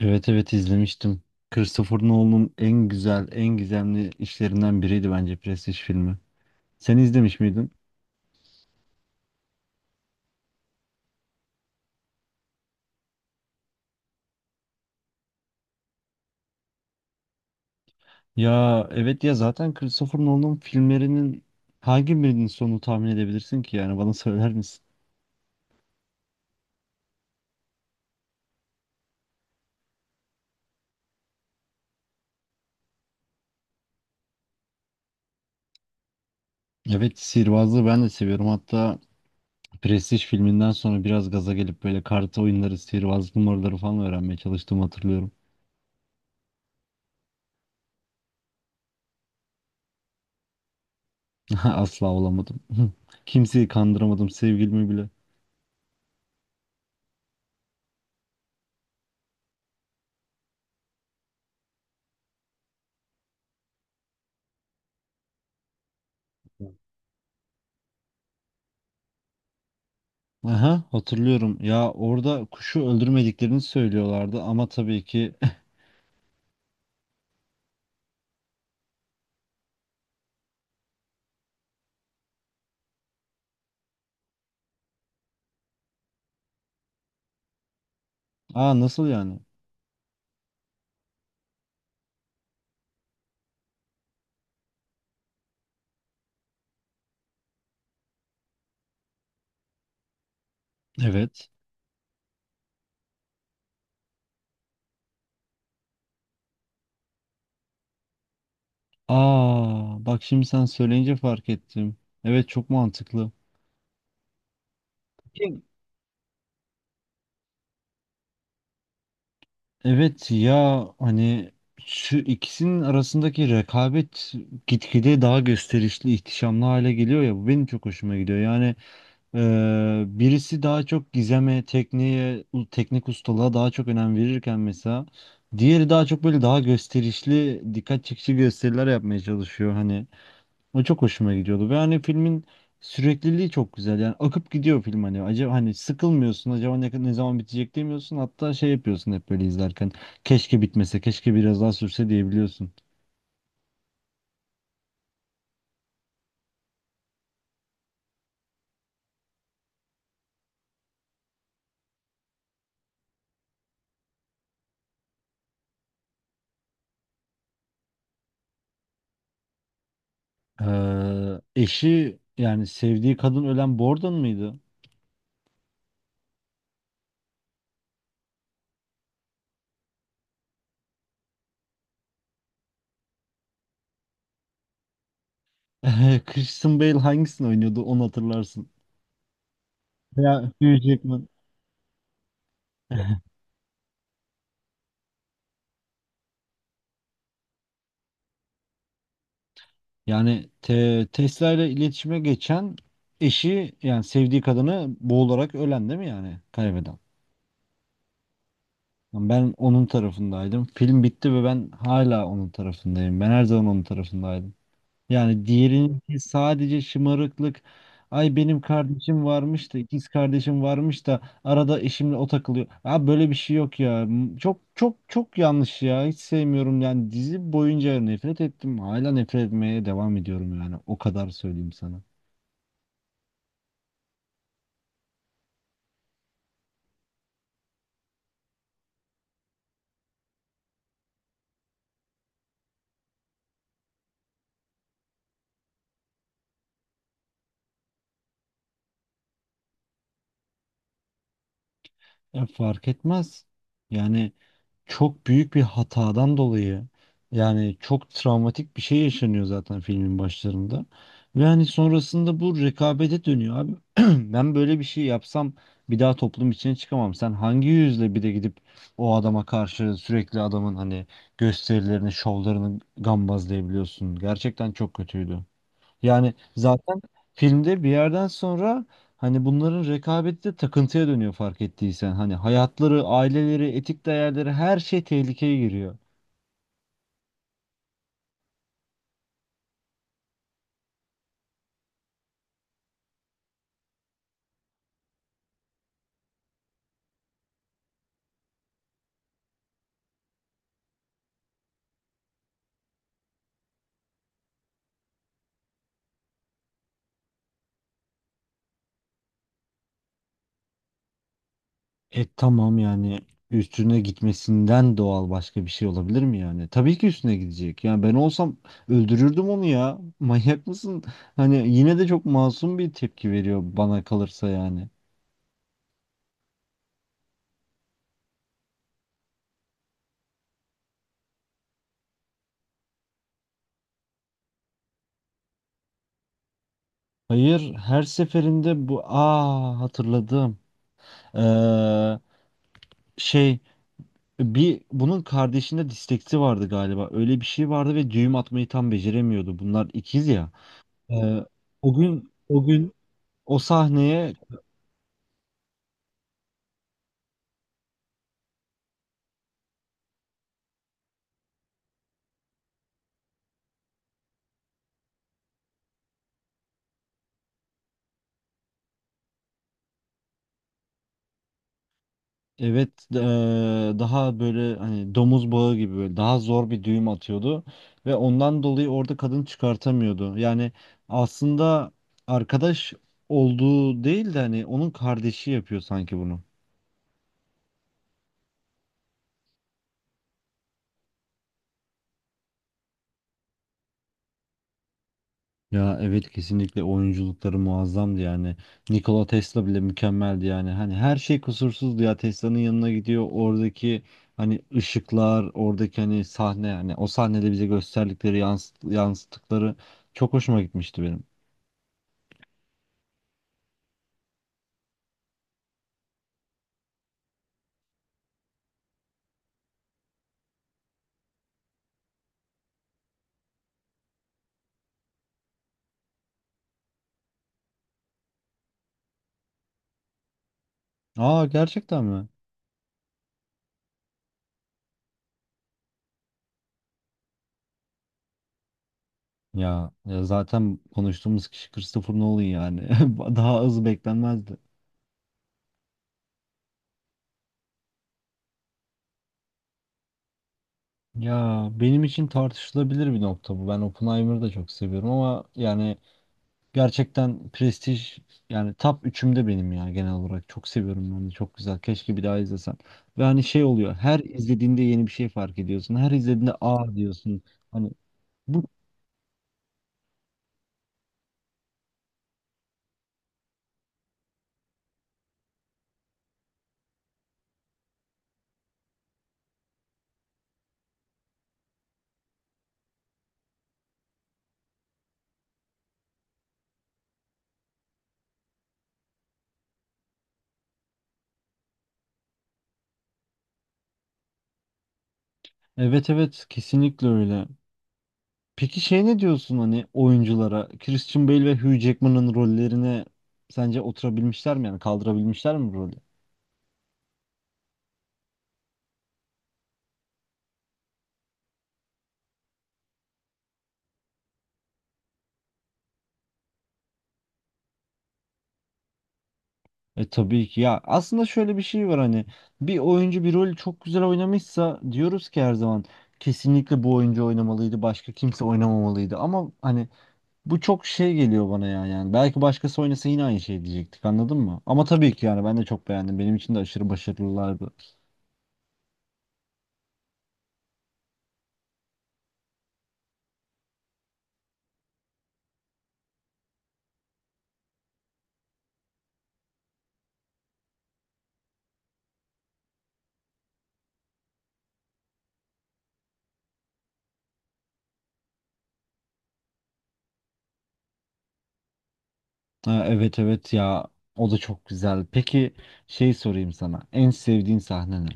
Evet evet izlemiştim. Christopher Nolan'ın en güzel, en gizemli işlerinden biriydi bence Prestige filmi. Sen izlemiş miydin? Ya evet ya zaten Christopher Nolan'ın filmlerinin hangi birinin sonunu tahmin edebilirsin ki yani bana söyler misin? Evet sihirbazlığı ben de seviyorum. Hatta Prestige filminden sonra biraz gaza gelip böyle kart oyunları, sihirbazlık numaraları falan öğrenmeye çalıştığımı hatırlıyorum. Asla olamadım. Kimseyi kandıramadım, sevgilimi bile. Aha, hatırlıyorum. Ya orada kuşu öldürmediklerini söylüyorlardı ama tabii ki. Aa nasıl yani? Evet. Aa bak, şimdi sen söyleyince fark ettim. Evet, çok mantıklı. Kim? Evet ya hani şu ikisinin arasındaki rekabet gitgide daha gösterişli, ihtişamlı hale geliyor ya, bu benim çok hoşuma gidiyor. Yani birisi daha çok gizeme, tekniğe, teknik ustalığa daha çok önem verirken mesela diğeri daha çok böyle daha gösterişli, dikkat çekici gösteriler yapmaya çalışıyor hani. O çok hoşuma gidiyordu ve hani filmin sürekliliği çok güzel. Yani akıp gidiyor film hani. Acaba hani sıkılmıyorsun. Acaba ne zaman bitecek demiyorsun. Hatta şey yapıyorsun hep böyle izlerken. Keşke bitmese, keşke biraz daha sürse diyebiliyorsun. Eşi yani sevdiği kadın ölen Borden mıydı? Christian Bale hangisini oynuyordu onu hatırlarsın. Ya Hugh Jackman. Yani Tesla ile iletişime geçen eşi yani sevdiği kadını boğularak ölen değil mi yani kaybeden? Yani ben onun tarafındaydım. Film bitti ve ben hala onun tarafındayım. Ben her zaman onun tarafındaydım. Yani diğerinki sadece şımarıklık. Ay benim kardeşim varmış da ikiz kardeşim varmış da arada eşimle o takılıyor. Ha, böyle bir şey yok ya. Çok çok çok yanlış ya. Hiç sevmiyorum, yani dizi boyunca nefret ettim. Hala nefret etmeye devam ediyorum yani. O kadar söyleyeyim sana. Ya fark etmez. Yani çok büyük bir hatadan dolayı, yani çok travmatik bir şey yaşanıyor zaten filmin başlarında. Ve hani sonrasında bu rekabete dönüyor abi. Ben böyle bir şey yapsam bir daha toplum içine çıkamam. Sen hangi yüzle bir de gidip o adama karşı sürekli adamın hani gösterilerini, şovlarını gambazlayabiliyorsun. Gerçekten çok kötüydü. Yani zaten filmde bir yerden sonra hani bunların rekabeti de takıntıya dönüyor, fark ettiysen. Hani hayatları, aileleri, etik değerleri, her şey tehlikeye giriyor. E tamam, yani üstüne gitmesinden doğal başka bir şey olabilir mi yani? Tabii ki üstüne gidecek. Yani ben olsam öldürürdüm onu ya. Manyak mısın? Hani yine de çok masum bir tepki veriyor bana kalırsa yani. Hayır, her seferinde bu, aa, hatırladım. Ee, şey Bir, bunun kardeşinde disteksi vardı galiba. Öyle bir şey vardı ve düğüm atmayı tam beceremiyordu. Bunlar ikiz ya. Ee, o gün o sahneye evet, daha böyle hani domuz bağı gibi böyle daha zor bir düğüm atıyordu ve ondan dolayı orada kadın çıkartamıyordu. Yani aslında arkadaş olduğu değil de hani onun kardeşi yapıyor sanki bunu. Ya evet, kesinlikle oyunculukları muazzamdı yani. Nikola Tesla bile mükemmeldi yani. Hani her şey kusursuzdu ya. Tesla'nın yanına gidiyor. Oradaki hani ışıklar, oradaki hani sahne, hani o sahnede bize gösterdikleri yansıttıkları çok hoşuma gitmişti benim. Aa, gerçekten mi? Ya, ya zaten konuştuğumuz kişi Christopher Nolan yani. Daha az beklenmezdi. Ya benim için tartışılabilir bir nokta bu. Ben Oppenheimer'ı da çok seviyorum ama yani gerçekten prestij yani top 3'ümde benim ya genel olarak. Çok seviyorum ben de. Çok güzel. Keşke bir daha izlesem. Ve hani şey oluyor. Her izlediğinde yeni bir şey fark ediyorsun. Her izlediğinde aa diyorsun. Hani bu evet evet, kesinlikle öyle. Peki şey ne diyorsun hani oyunculara? Christian Bale ve Hugh Jackman'ın rollerine sence oturabilmişler mi? Yani kaldırabilmişler mi rolü? E tabii ki ya, aslında şöyle bir şey var hani bir oyuncu bir rolü çok güzel oynamışsa diyoruz ki her zaman kesinlikle bu oyuncu oynamalıydı, başka kimse oynamamalıydı, ama hani bu çok şey geliyor bana ya, yani belki başkası oynasa yine aynı şey diyecektik, anladın mı? Ama tabii ki yani ben de çok beğendim, benim için de aşırı başarılılardı. Ha, evet evet ya o da çok güzel. Peki şey sorayım sana, en sevdiğin sahne ne?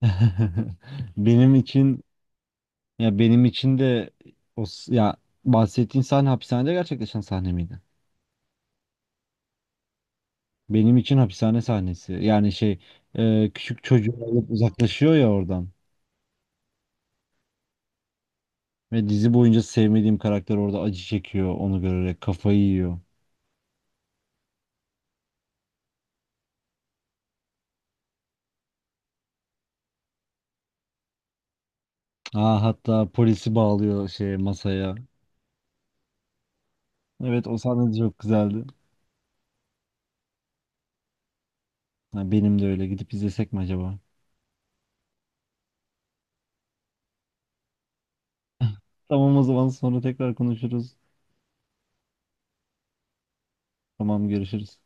Benim için ya benim için de ya bahsettiğin sahne hapishanede gerçekleşen sahne miydi? Benim için hapishane sahnesi. Yani şey, küçük çocuğu alıp uzaklaşıyor ya oradan. Ve dizi boyunca sevmediğim karakter orada acı çekiyor, onu görerek kafayı yiyor. Aa, hatta polisi bağlıyor şey masaya. Evet, o sahne de çok güzeldi. Ha, benim de öyle. Gidip izlesek mi acaba? Tamam, o zaman sonra tekrar konuşuruz. Tamam, görüşürüz.